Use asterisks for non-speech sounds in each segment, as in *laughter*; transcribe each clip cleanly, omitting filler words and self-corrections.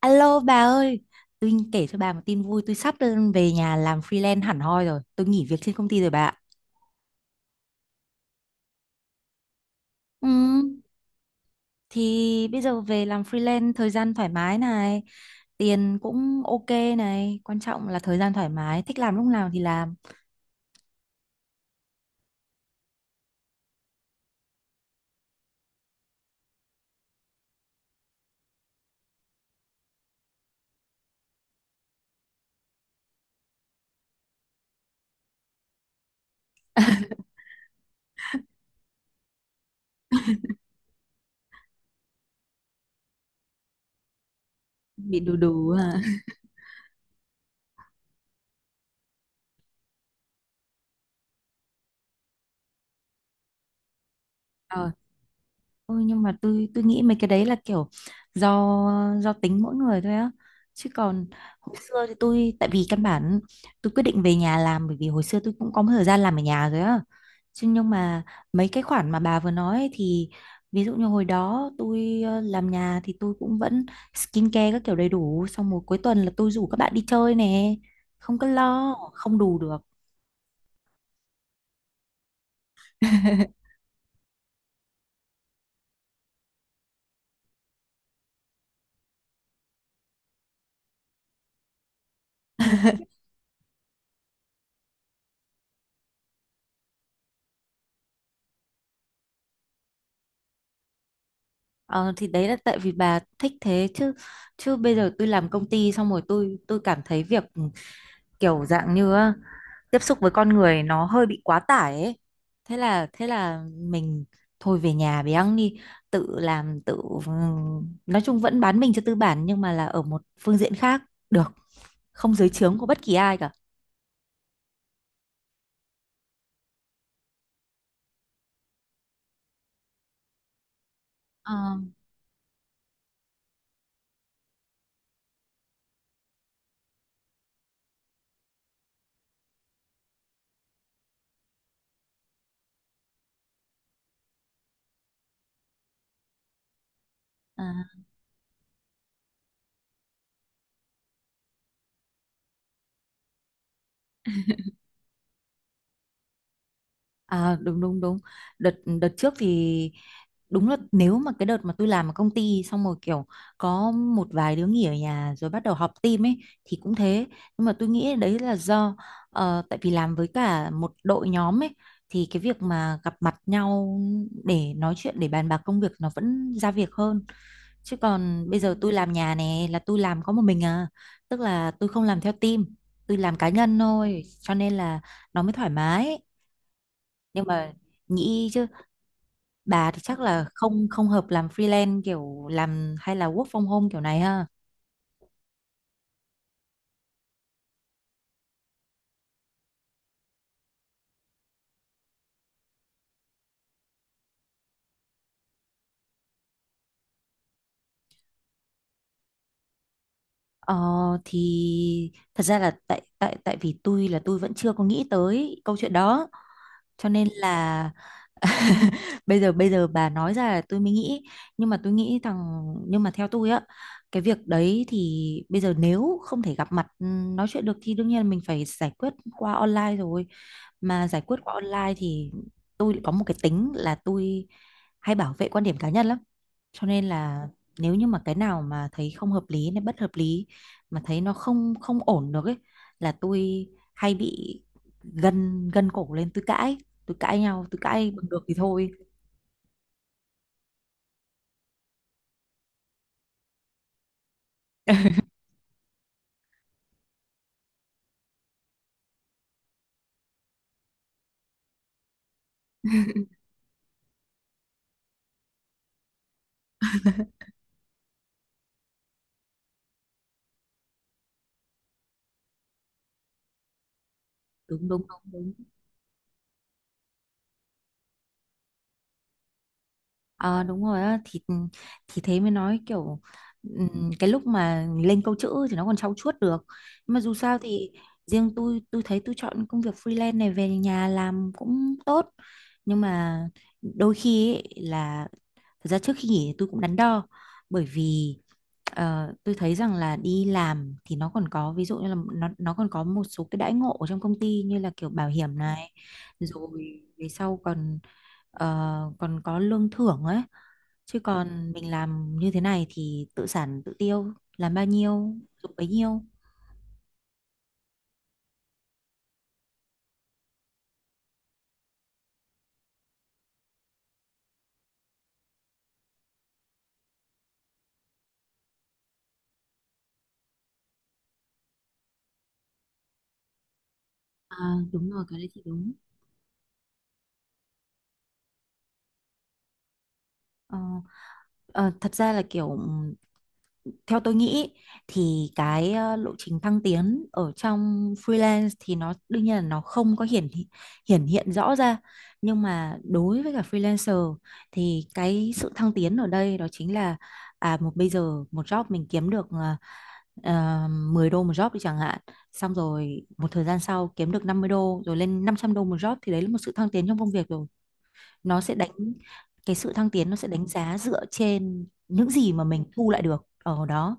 Alo bà ơi, tôi kể cho bà một tin vui, tôi sắp đơn về nhà làm freelance hẳn hoi rồi, tôi nghỉ việc trên công ty rồi bà ạ. Ừ, thì bây giờ về làm freelance thời gian thoải mái này, tiền cũng ok này, quan trọng là thời gian thoải mái, thích làm lúc nào thì làm, bị đù đù à. *laughs* Ừ, nhưng mà tôi nghĩ mấy cái đấy là kiểu do do tính mỗi người thôi á, chứ còn hồi xưa thì tôi, tại vì căn bản tôi quyết định về nhà làm bởi vì hồi xưa tôi cũng có một thời gian làm ở nhà rồi á chứ. Nhưng mà mấy cái khoản mà bà vừa nói ấy thì ví dụ như hồi đó tôi làm nhà thì tôi cũng vẫn skincare các kiểu đầy đủ, xong một cuối tuần là tôi rủ các bạn đi chơi nè, không có lo không đủ được. *laughs* Ờ, thì đấy là tại vì bà thích thế, chứ chứ bây giờ tôi làm công ty xong rồi tôi cảm thấy việc kiểu dạng như á, tiếp xúc với con người nó hơi bị quá tải ấy. Thế là mình thôi về nhà bé ăn đi, tự làm tự nói chung vẫn bán mình cho tư bản nhưng mà là ở một phương diện khác, được không dưới trướng của bất kỳ ai cả. Ờ, à. À, đúng đúng đúng đợt đợt trước thì đúng là nếu mà cái đợt mà tôi làm ở công ty xong rồi kiểu có một vài đứa nghỉ ở nhà rồi bắt đầu họp team ấy thì cũng thế. Nhưng mà tôi nghĩ đấy là do tại vì làm với cả một đội nhóm ấy, thì cái việc mà gặp mặt nhau để nói chuyện để bàn bạc công việc nó vẫn ra việc hơn, chứ còn bây giờ tôi làm nhà này là tôi làm có một mình à, tức là tôi không làm theo team, tôi làm cá nhân thôi cho nên là nó mới thoải mái. Nhưng mà nghĩ chứ bà thì chắc là không không hợp làm freelance kiểu làm hay là work from home kiểu này ha. ờ, thì thật ra là tại tại tại vì tôi vẫn chưa có nghĩ tới câu chuyện đó cho nên là *laughs* bây giờ bà nói ra là tôi mới nghĩ. Nhưng mà tôi nghĩ rằng, nhưng mà theo tôi á, cái việc đấy thì bây giờ nếu không thể gặp mặt nói chuyện được thì đương nhiên là mình phải giải quyết qua online rồi. Mà giải quyết qua online thì tôi lại có một cái tính là tôi hay bảo vệ quan điểm cá nhân lắm, cho nên là nếu như mà cái nào mà thấy không hợp lý này, bất hợp lý mà thấy nó không không ổn được ấy, là tôi hay bị gân gân cổ lên tôi cãi, tôi cãi nhau tôi cãi bằng được thì thôi. *laughs* đúng đúng đúng đúng Ờ, đúng rồi á, thì thế mới nói kiểu cái lúc mà lên câu chữ thì nó còn trau chuốt được, nhưng mà dù sao thì riêng tôi thấy tôi chọn công việc freelance này về nhà làm cũng tốt. Nhưng mà đôi khi ấy, là thật ra trước khi nghỉ thì tôi cũng đắn đo bởi vì tôi thấy rằng là đi làm thì nó còn có ví dụ như là nó còn có một số cái đãi ngộ ở trong công ty như là kiểu bảo hiểm này, rồi về sau còn ờ, còn có lương thưởng ấy, chứ còn mình làm như thế này thì tự sản tự tiêu, làm bao nhiêu dùng bấy nhiêu. À, đúng rồi, cái đấy thì đúng. Ờ, thật ra là kiểu theo tôi nghĩ thì cái lộ trình thăng tiến ở trong freelance thì nó đương nhiên là nó không có hiển hiện rõ ra. Nhưng mà đối với cả freelancer thì cái sự thăng tiến ở đây đó chính là à, một bây giờ một job mình kiếm được 10 đô một job đi chẳng hạn, xong rồi một thời gian sau kiếm được 50 đô rồi lên 500 đô một job, thì đấy là một sự thăng tiến trong công việc rồi. Nó sẽ đánh, cái sự thăng tiến nó sẽ đánh giá dựa trên những gì mà mình thu lại được ở đó.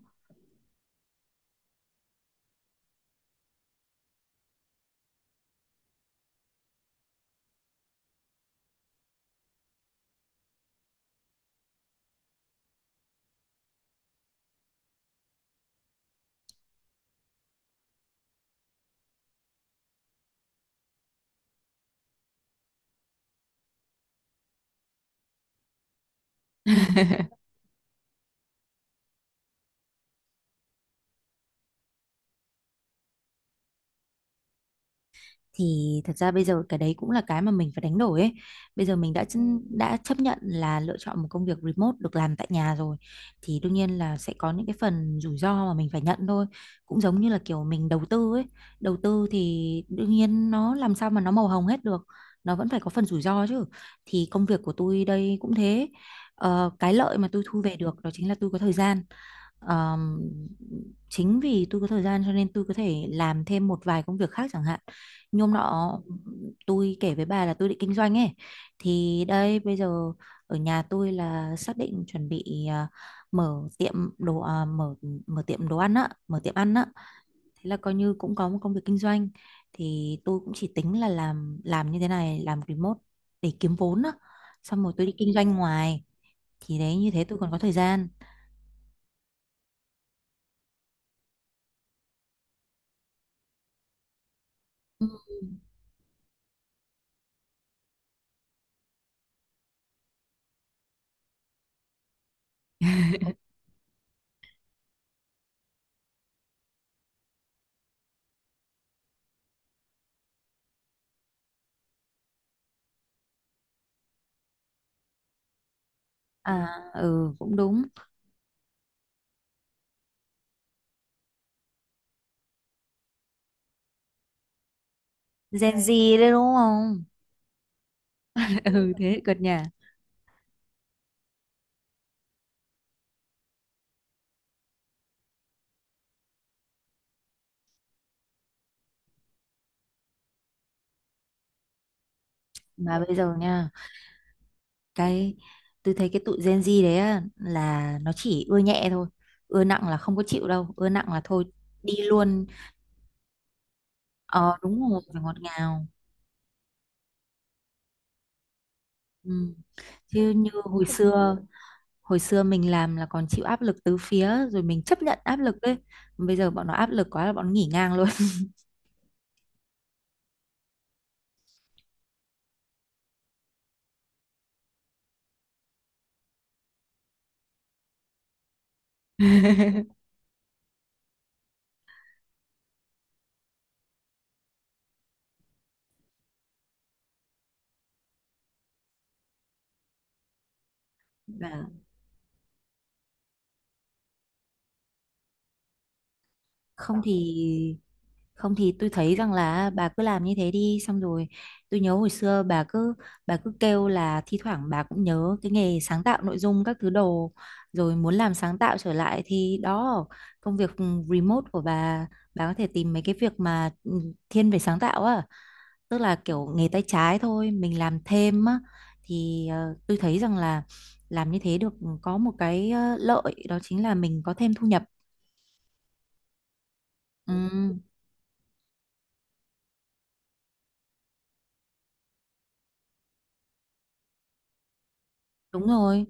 *laughs* Thì thật ra bây giờ cái đấy cũng là cái mà mình phải đánh đổi ấy. Bây giờ mình đã đã chấp nhận là lựa chọn một công việc remote được làm tại nhà rồi, thì đương nhiên là sẽ có những cái phần rủi ro mà mình phải nhận thôi. Cũng giống như là kiểu mình đầu tư ấy. Đầu tư thì đương nhiên nó làm sao mà nó màu hồng hết được. Nó vẫn phải có phần rủi ro chứ. Thì công việc của tôi đây cũng thế. Ờ, cái lợi mà tôi thu về được đó chính là tôi có thời gian. Ờm, Chính vì tôi có thời gian cho nên tôi có thể làm thêm một vài công việc khác, chẳng hạn như hôm nọ tôi kể với bà là tôi định kinh doanh ấy, thì đây bây giờ ở nhà tôi là xác định chuẩn bị mở tiệm đồ à, mở mở tiệm đồ ăn á, mở tiệm ăn á. Thế là coi như cũng có một công việc kinh doanh, thì tôi cũng chỉ tính là làm như thế này, làm remote để kiếm vốn á, xong rồi tôi đi kinh doanh ngoài, thì đấy, như thế tôi còn có thời gian. Ừ. À ừ cũng đúng. Gen Z đấy đúng không. *laughs* Ừ thế cợt nhà. Mà bây giờ nha, cái tôi thấy cái tụi Gen Z đấy á, là nó chỉ ưa nhẹ thôi, ưa nặng là không có chịu đâu, ưa nặng là thôi đi luôn. Ờ đúng rồi, phải ngọt ngào. Ừ. Chứ như hồi xưa, hồi xưa mình làm là còn chịu áp lực tứ phía rồi mình chấp nhận áp lực đấy, bây giờ bọn nó áp lực quá là bọn nó nghỉ ngang luôn. *laughs* Và không thì, không thì tôi thấy rằng là bà cứ làm như thế đi, xong rồi tôi nhớ hồi xưa bà cứ kêu là thi thoảng bà cũng nhớ cái nghề sáng tạo nội dung các thứ đồ, rồi muốn làm sáng tạo trở lại, thì đó, công việc remote của bà có thể tìm mấy cái việc mà thiên về sáng tạo á, tức là kiểu nghề tay trái thôi mình làm thêm á. Thì tôi thấy rằng là làm như thế được, có một cái lợi đó chính là mình có thêm thu nhập. Ừ, đúng rồi.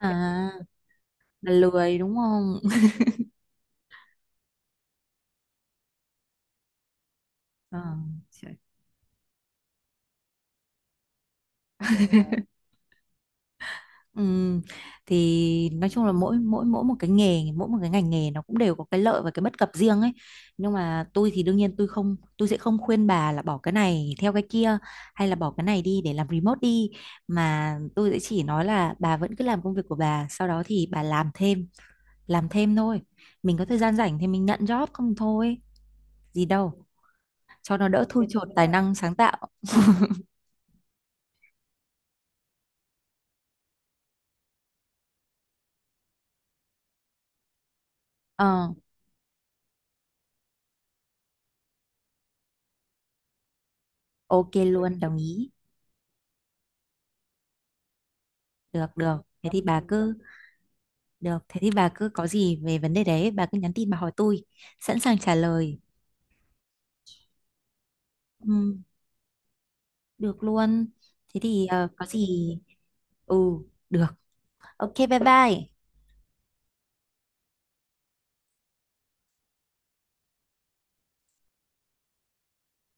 À, là lười đúng không. Ờ, trời. *laughs* Ừm, thì nói chung là mỗi mỗi mỗi một cái nghề, mỗi một cái ngành nghề nó cũng đều có cái lợi và cái bất cập riêng ấy. Nhưng mà tôi thì đương nhiên tôi sẽ không khuyên bà là bỏ cái này theo cái kia, hay là bỏ cái này đi để làm remote đi, mà tôi sẽ chỉ nói là bà vẫn cứ làm công việc của bà, sau đó thì bà làm thêm, làm thêm thôi. Mình có thời gian rảnh thì mình nhận job không thôi, gì đâu, cho nó đỡ thui chột tài năng sáng tạo. Ờ, ok luôn, đồng ý. Được, được. Thế thì bà cứ được, thế thì bà cứ có gì về vấn đề đấy, bà cứ nhắn tin bà hỏi tôi, sẵn sàng trả lời. Ừ, được luôn. Thế thì có gì. Ừ, được. Ok, bye bye.